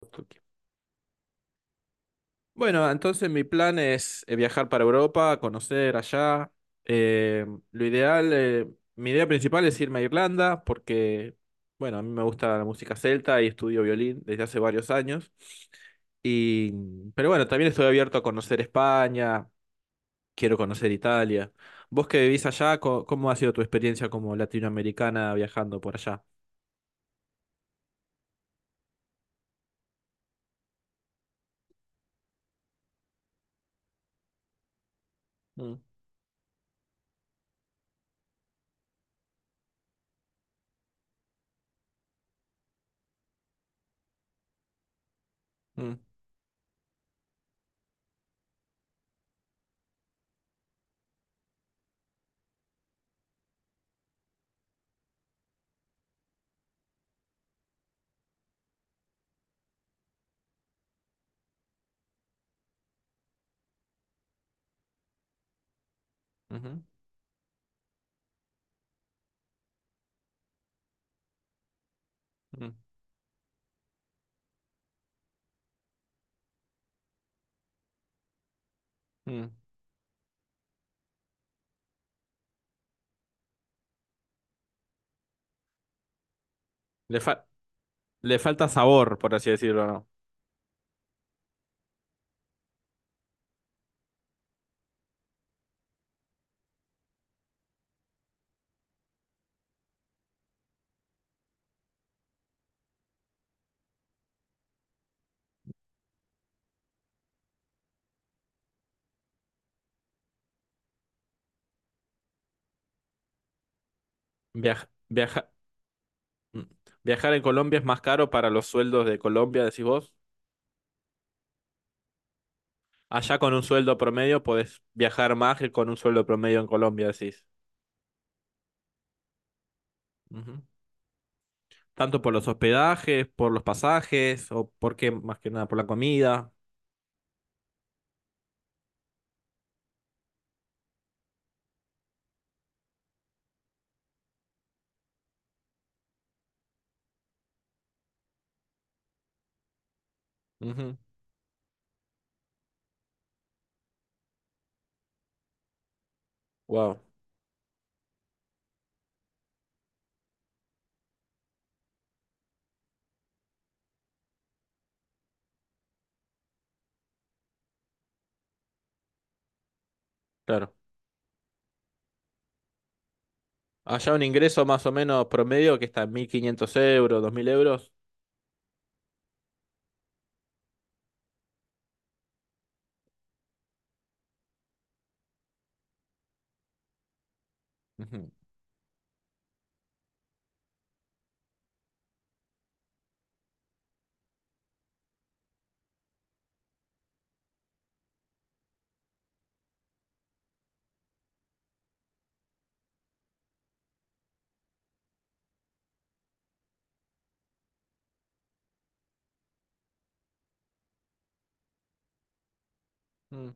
Ok. Bueno, entonces mi plan es viajar para Europa, conocer allá. Eh, lo ideal, mi idea principal es irme a Irlanda porque, bueno, a mí me gusta la música celta y estudio violín desde hace varios años. Y, pero bueno, también estoy abierto a conocer España, quiero conocer Italia. Vos que vivís allá, ¿cómo ha sido tu experiencia como latinoamericana viajando por allá? Mm, mm, ujú, mm, mm. Le fa- le falta sabor, por así decirlo, ¿no? Viaj- viaja- mm. Viajar en Colombia es más caro para los sueldos de Colombia, decís vos. Allá con un sueldo promedio podés viajar más que con un sueldo promedio en Colombia, decís. Ujú. Tanto por los hospedajes, por los pasajes, o por qué, más que nada, por la comida. Wow, claro. Allá un ingreso más o menos promedio que está en 1.500 euros, 2.000 euros. Ujú. Mm,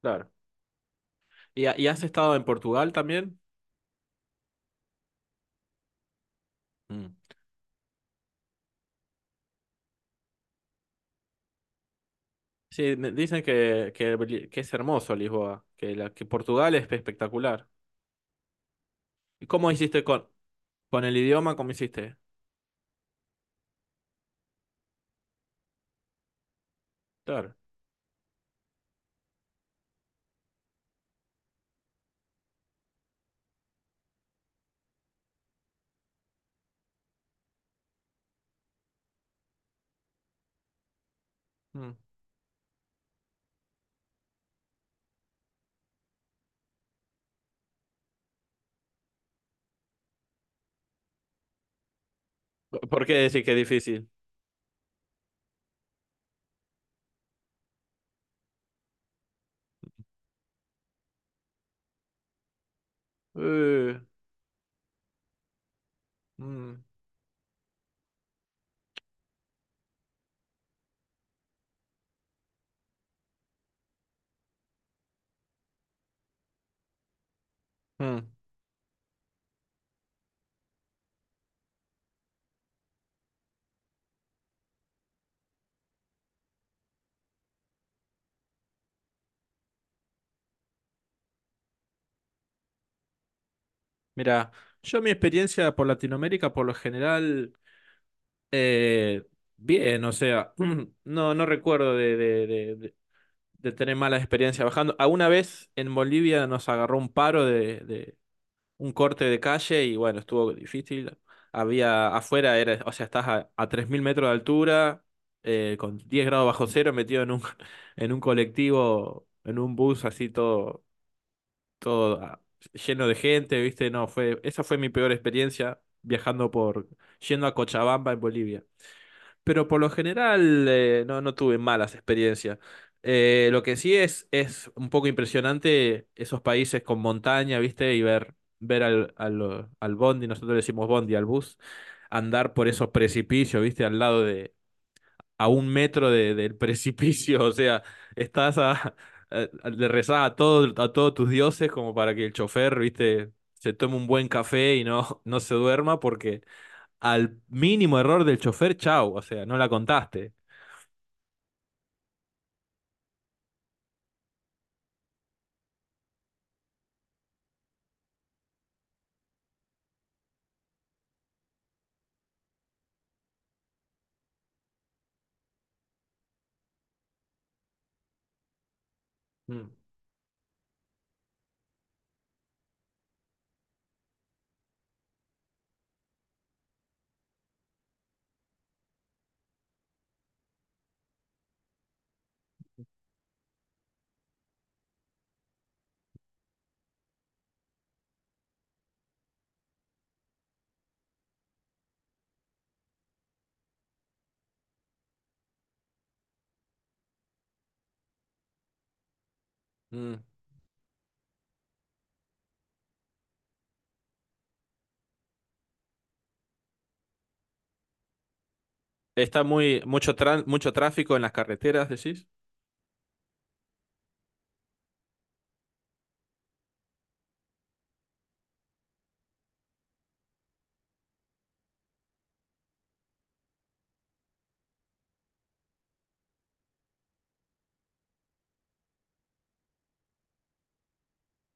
claro. ¿Y has estado en Portugal también? Mm. Sí, dicen que es hermoso Lisboa, que Portugal es espectacular. ¿Y cómo hiciste con el idioma? ¿Cómo hiciste? Claro. Mm. ¿Por qué decís que es difícil? Eh, mm, mm. Mira, yo mi experiencia por Latinoamérica por lo general, eh, bien, o sea, no, no recuerdo de tener malas experiencias bajando. Alguna vez en Bolivia nos agarró un paro un corte de calle y bueno, estuvo difícil. Había afuera, era, o sea, estás a 3.000 metros de altura, con 10 grados bajo cero, metido en un, en un colectivo, en un bus así todo, todo lleno de gente, ¿viste? No, esa fue mi peor experiencia viajando yendo a Cochabamba en Bolivia, pero por lo general no, no tuve malas experiencias. Lo que sí es un poco impresionante esos países con montaña, ¿viste? Y ver al bondi, nosotros le decimos bondi al bus, andar por esos precipicios, ¿viste? Al lado de, a un metro de, del precipicio, o sea, estás a, le rezás a todos tus dioses como para que el chofer, ¿viste? Se tome un buen café y no, no se duerma porque al mínimo error del chofer, chau, o sea, no la contaste. Mm, mm. Está mucho tráfico en las carreteras, decís.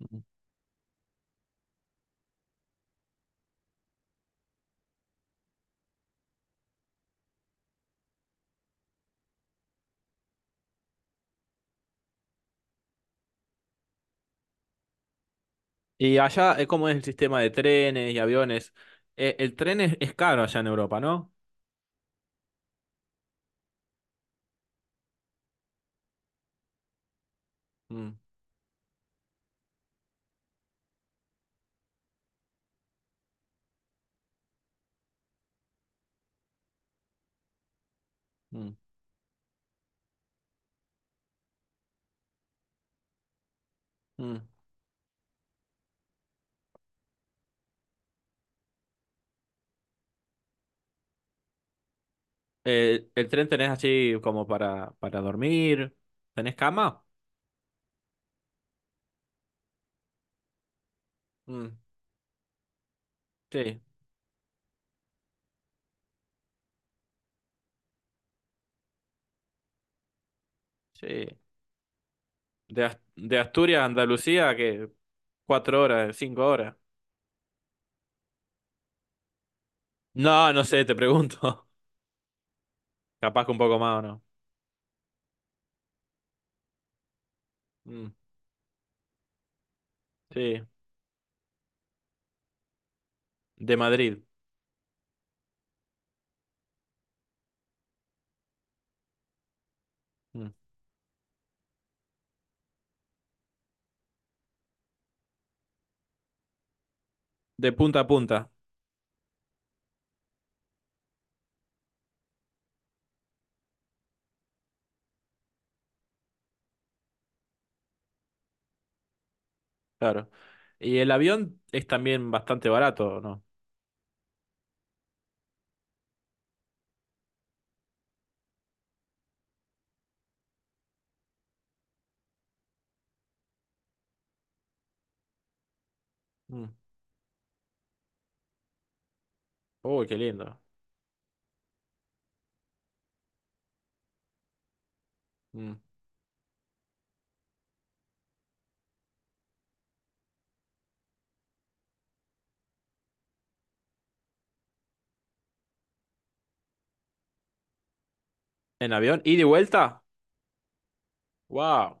Mm. Y allá, ¿cómo es el sistema de trenes y aviones? El tren es caro allá en Europa, ¿no? Mm, mm, mm. ¿El tren tenés así como para dormir? ¿Tenés cama? Mm, sí, sí. De Asturias a Andalucía, que 4 horas, 5 horas. No, no sé, te pregunto. Capaz que un poco más o no. Mm, sí, de Madrid. Mm. De punta a punta. Claro. Y el avión es también bastante barato, ¿no? Mm. Uy, qué lindo. Mm. ¿En avión? ¿Y de vuelta? ¡Wow!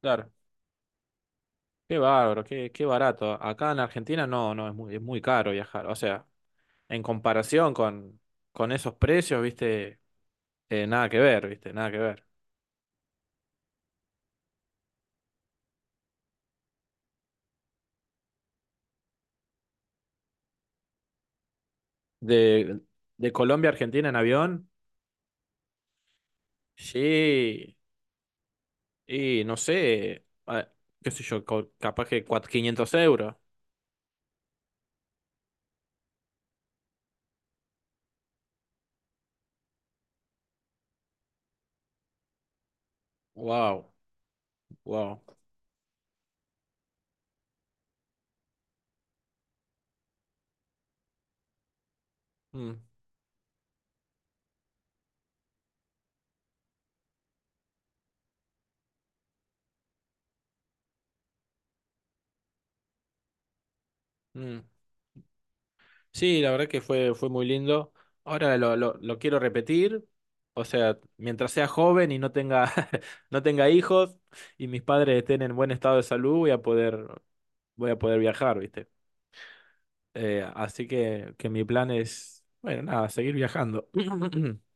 Claro. Qué bárbaro, qué barato. Acá en Argentina no, no, es muy caro viajar. O sea, en comparación con esos precios, viste, nada que ver, viste, nada que ver. De, de Colombia a Argentina en avión, sí. Y no sé, qué sé yo, capaz que cuatro 500 euros. ¡Wow! ¡Wow! Mm, mm. Sí, la verdad que fue muy lindo. Ahora lo quiero repetir. O sea, mientras sea joven y no tenga, no tenga hijos y mis padres estén en buen estado de salud, voy a poder viajar, ¿viste? Así que mi plan es, bueno, nada, seguir viajando.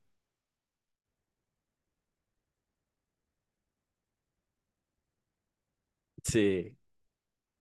Sí.